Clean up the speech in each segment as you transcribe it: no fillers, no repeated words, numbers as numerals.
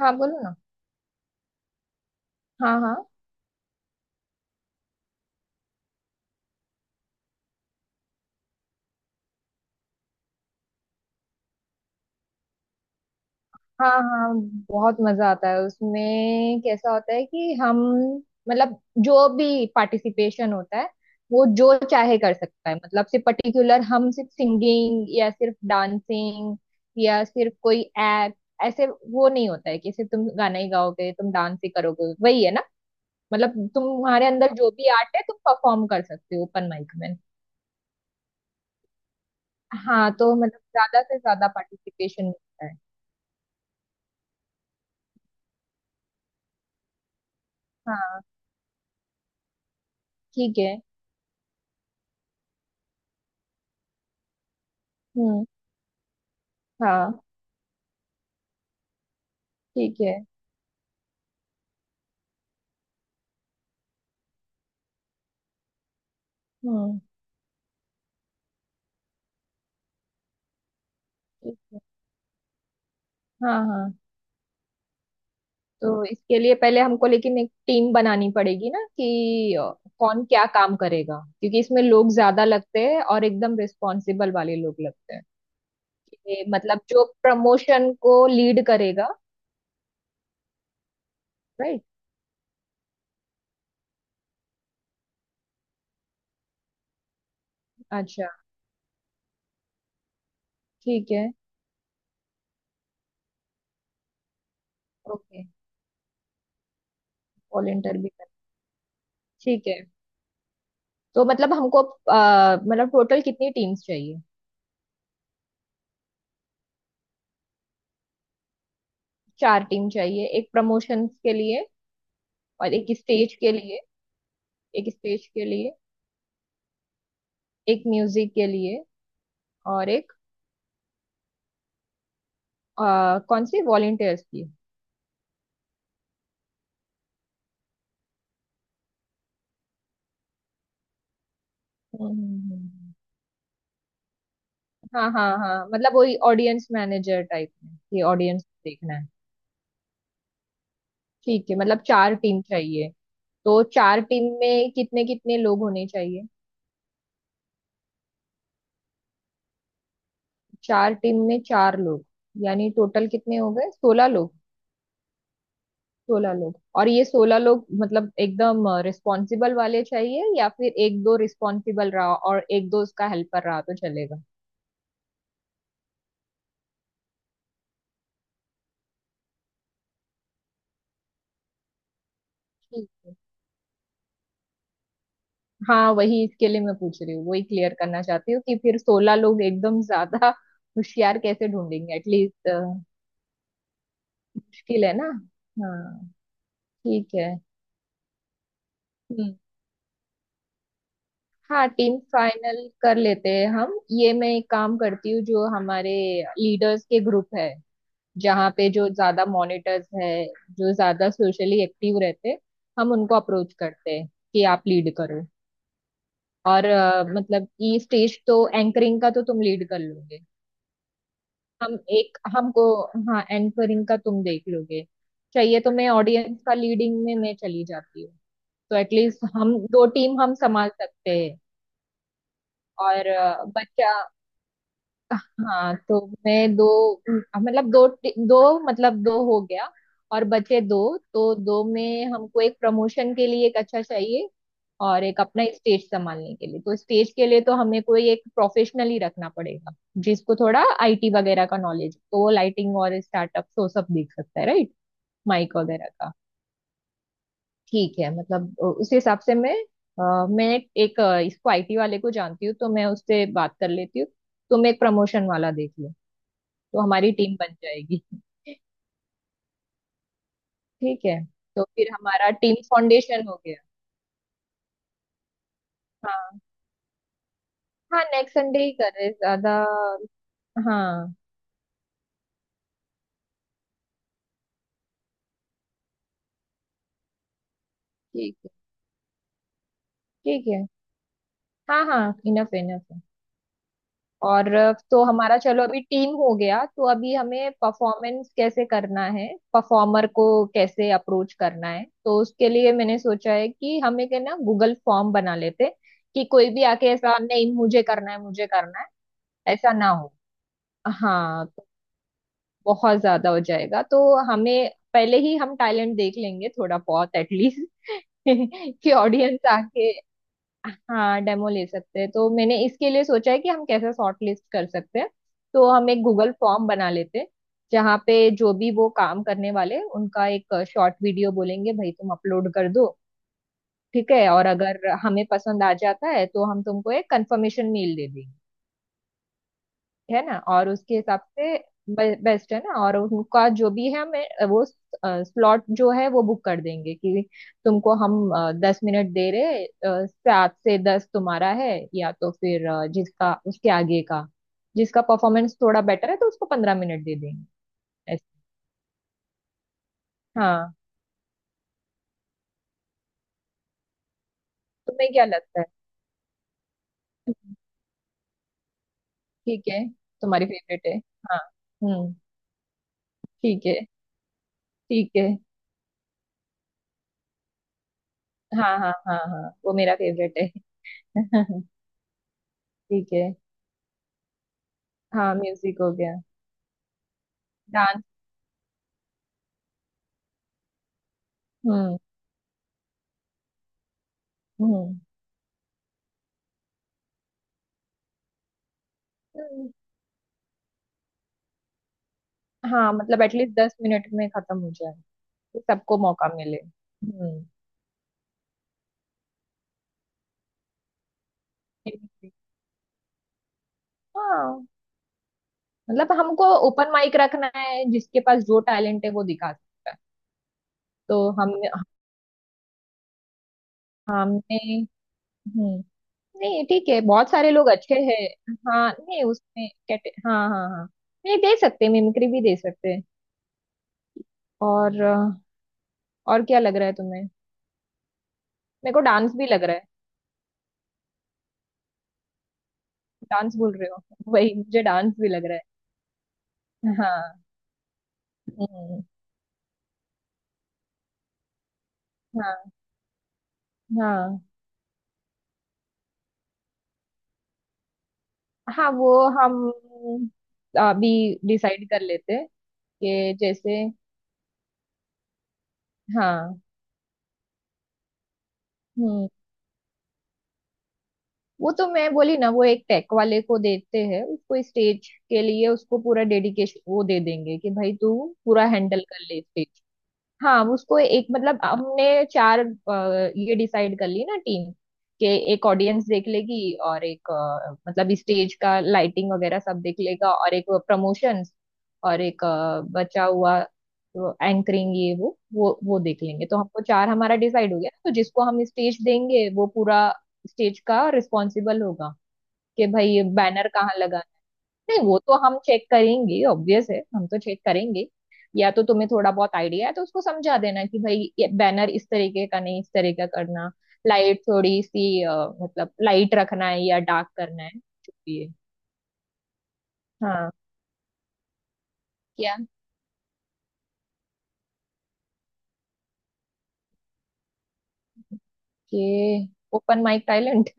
हाँ बोलो ना। हाँ हाँ हाँ हाँ। बहुत मजा आता है उसमें। कैसा होता है कि हम, मतलब जो भी पार्टिसिपेशन होता है वो जो चाहे कर सकता है। मतलब सिर्फ पर्टिकुलर हम सिर्फ सिंगिंग या सिर्फ डांसिंग या सिर्फ कोई एक्ट, ऐसे वो नहीं होता है कि सिर्फ तुम गाना ही गाओगे, तुम डांस ही करोगे। वही है ना, मतलब तुम्हारे अंदर जो भी आर्ट है तुम परफॉर्म कर सकते हो ओपन माइक में। हाँ, तो मतलब ज्यादा से ज्यादा पार्टिसिपेशन मिलता है। हाँ। ठीक है। हम्म। हाँ। ठीक है। हम्म। ठीक है। हाँ हाँ, तो इसके लिए पहले हमको लेकिन एक टीम बनानी पड़ेगी ना कि कौन क्या काम करेगा, क्योंकि इसमें लोग ज्यादा लगते हैं और एकदम रिस्पॉन्सिबल वाले लोग लगते हैं। ये मतलब जो प्रमोशन को लीड करेगा। राइट। अच्छा। ठीक है। ओके। वॉलेंटियर भी कर। ठीक है, तो मतलब हमको मतलब टोटल कितनी टीम्स चाहिए। चार टीम चाहिए, एक प्रमोशन के लिए और एक स्टेज के लिए, एक स्टेज के लिए, एक म्यूजिक के लिए और एक अ, कौन सी वॉलंटियर्स की। हम्म, हम्म, हम्म। हाँ हाँ हाँ, मतलब वही ऑडियंस मैनेजर टाइप में कि ऑडियंस देखना है। ठीक है, मतलब चार टीम चाहिए। तो चार टीम में कितने कितने लोग होने चाहिए? चार टीम में चार लोग, यानी टोटल कितने हो गए, 16 लोग। 16 लोग, और ये सोलह लोग मतलब एकदम रिस्पॉन्सिबल वाले चाहिए या फिर एक दो रिस्पॉन्सिबल रहा और एक दो उसका हेल्पर रहा तो चलेगा। ठीक। हाँ, वही इसके लिए मैं पूछ रही हूँ, वही क्लियर करना चाहती हूँ कि फिर 16 लोग एकदम ज्यादा होशियार कैसे ढूंढेंगे एटलीस्ट। मुश्किल है ना। हाँ। ठीक है। हम्म। हाँ, टीम फाइनल कर लेते हैं। हम ये, मैं एक काम करती हूँ, जो हमारे लीडर्स के ग्रुप है, जहाँ पे जो ज्यादा मॉनिटर्स है, जो ज्यादा सोशली एक्टिव रहते हैं, हम उनको अप्रोच करते हैं कि आप लीड करो। और मतलब ये स्टेज तो, एंकरिंग का तो तुम लीड कर लोगे। हम एक हमको हाँ, एंकरिंग का तुम देख लोगे। चाहिए, तो मैं ऑडियंस का लीडिंग में मैं चली जाती हूँ, तो एटलीस्ट हम दो टीम हम संभाल सकते हैं। और बच्चा। हाँ, तो मैं दो, मतलब दो, मतलब दो हो गया और बचे दो। तो दो में हमको एक प्रमोशन के लिए एक अच्छा चाहिए और एक अपना स्टेज संभालने के लिए। तो स्टेज के लिए तो हमें कोई एक प्रोफेशनल ही रखना पड़ेगा, जिसको थोड़ा आईटी वगैरह का नॉलेज, तो वो लाइटिंग और स्टार्टअप तो सब देख सकता है, राइट? माइक वगैरह का। ठीक है, मतलब उस हिसाब से मैं मैं एक इसको आईटी वाले को जानती हूँ, तो मैं उससे बात कर लेती हूँ। तुम एक प्रमोशन वाला देख लो, तो हमारी टीम बन जाएगी। ठीक है, तो फिर हमारा टीम फाउंडेशन हो गया। हाँ। हाँ, नेक्स्ट संडे ही कर रहे ज्यादा। हाँ। ठीक है। ठीक है। हाँ हाँ, इनफ इनफ है। और तो हमारा, चलो अभी टीम हो गया, तो अभी हमें परफॉर्मेंस कैसे करना है, परफॉर्मर को कैसे अप्रोच करना है। तो उसके लिए मैंने सोचा है कि हम एक है ना गूगल फॉर्म बना लेते, कि कोई भी आके ऐसा नहीं मुझे करना है मुझे करना है, ऐसा ना हो। हाँ, तो बहुत ज्यादा हो जाएगा, तो हमें पहले ही हम टाइलेंट देख लेंगे थोड़ा बहुत एटलीस्ट। कि ऑडियंस आके, हाँ डेमो ले सकते हैं। तो मैंने इसके लिए सोचा है कि हम कैसे शॉर्ट लिस्ट कर सकते हैं। तो हम एक गूगल फॉर्म बना लेते हैं, जहाँ पे जो भी वो काम करने वाले हैं, उनका एक शॉर्ट वीडियो बोलेंगे, भाई तुम अपलोड कर दो, ठीक है? और अगर हमें पसंद आ जाता है तो हम तुमको एक कंफर्मेशन मेल दे देंगे, है ना? और उसके हिसाब से, बेस्ट है ना, और उनका जो भी है हमें वो स्लॉट जो है वो बुक कर देंगे कि तुमको हम 10 मिनट दे रहे, 7 से 10 तुम्हारा है, या तो फिर जिसका उसके आगे का, जिसका परफॉर्मेंस थोड़ा बेटर है तो उसको 15 मिनट दे देंगे। ऐसे। हाँ, तुम्हें क्या लगता है? हम्म। ठीक है, तुम्हारी फेवरेट है। हाँ। हम्म। ठीक है। ठीक है। हाँ हाँ हाँ हाँ, वो मेरा फेवरेट है। ठीक है। हाँ, म्यूजिक हो गया। डांस। हम्म हम्म हम्म। हाँ, मतलब एटलीस्ट 10 मिनट में खत्म हो जाए, कि सबको मौका मिले। हम्म। हाँ, मतलब हमको ओपन माइक रखना है, जिसके पास जो टैलेंट है वो दिखा सकता है। तो हमने हमने हम्म, नहीं ठीक है, बहुत सारे लोग अच्छे हैं। हाँ, नहीं उसमें कैटे, हाँ हाँ हाँ नहीं दे सकते, मिमिक्री भी दे सकते हैं। और और क्या लग रहा है तुम्हें? मेरे को डांस भी लग रहा है। डांस बोल रहे हो, वही मुझे डांस भी लग रहा है। हाँ। हम्म। हाँ हाँ हाँ वो, हम अभी डिसाइड कर लेते हैं कि जैसे। हाँ। हम्म, वो तो मैं बोली ना वो एक टेक वाले को देते हैं उसको स्टेज के लिए, उसको पूरा डेडिकेशन वो दे देंगे कि भाई तू पूरा हैंडल कर ले। हाँ, उसको एक, मतलब हमने चार ये डिसाइड कर ली ना टीम, कि एक ऑडियंस देख लेगी और एक मतलब स्टेज का लाइटिंग वगैरह सब देख लेगा और एक प्रमोशंस और एक बचा हुआ एंकरिंग, ये वो देख लेंगे। तो हमको चार हमारा डिसाइड हो गया ना। तो जिसको हम स्टेज देंगे वो पूरा स्टेज का रिस्पॉन्सिबल होगा कि भाई बैनर कहाँ, नहीं वो तो हम चेक करेंगे, ऑब्वियस है हम तो चेक करेंगे। या तो तुम्हें थोड़ा बहुत आइडिया है तो उसको समझा देना कि भाई ये बैनर इस तरीके का नहीं, इस तरीके का करना, लाइट थोड़ी सी मतलब लाइट रखना है या डार्क करना है, जो भी है। हाँ। क्या? के, open mic talent.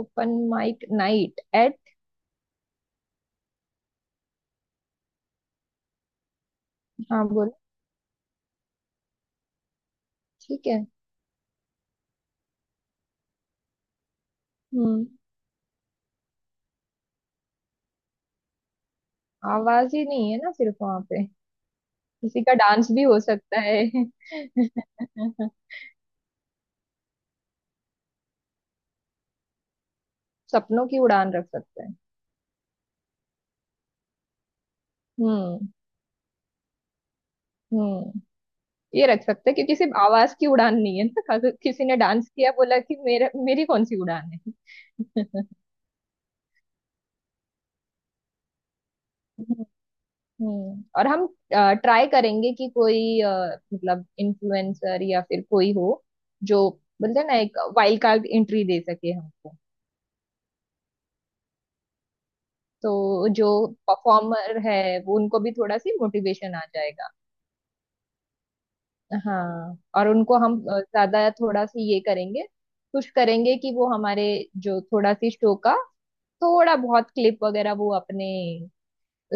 Open mic night eight. हाँ बोलो। ठीक है। हम्म। आवाज ही नहीं है ना सिर्फ वहां पे, किसी का डांस भी हो सकता है। सपनों की उड़ान रख सकता है। हम्म। हम्म, ये रख सकते हैं, क्योंकि सिर्फ आवाज की उड़ान नहीं है ना, अगर किसी ने डांस किया बोला कि मेरा मेरी कौन सी उड़ान है। हम्म, और हम ट्राई करेंगे कि कोई मतलब इन्फ्लुएंसर या फिर कोई हो, जो बोलते हैं ना एक वाइल्ड कार्ड एंट्री दे सके हमको, तो जो परफॉर्मर है वो उनको भी थोड़ा सी मोटिवेशन आ जाएगा। हाँ, और उनको हम ज्यादा थोड़ा सी ये करेंगे, कुछ करेंगे कि वो हमारे जो थोड़ा सी शो का थोड़ा बहुत क्लिप वगैरह वो अपने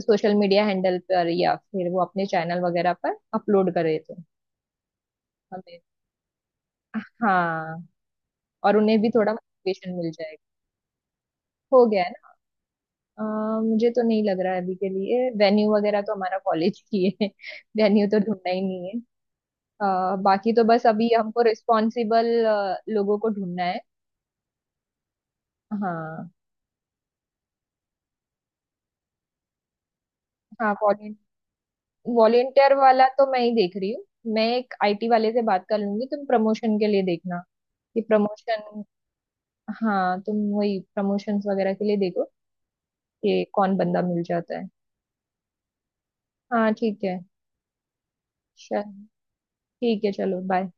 सोशल मीडिया हैंडल पर या फिर वो अपने चैनल वगैरह पर अपलोड करे, तो हमें, हाँ और उन्हें भी थोड़ा मोटिवेशन मिल जाएगा। हो गया है ना। मुझे तो नहीं लग रहा है अभी के लिए, वेन्यू वगैरह तो हमारा कॉलेज की है। वेन्यू तो ढूंढना ही नहीं है। बाकी तो बस अभी हमको रिस्पॉन्सिबल लोगों को ढूंढना है। हाँ। हाँ, वॉलेंटियर वाला तो मैं ही देख रही हूँ। मैं एक आईटी वाले से बात कर लूंगी, तुम प्रमोशन के लिए देखना कि प्रमोशन। हाँ तुम वही प्रमोशंस वगैरह के लिए देखो, कि कौन बंदा मिल जाता है। हाँ ठीक है। चल ठीक है, चलो बाय।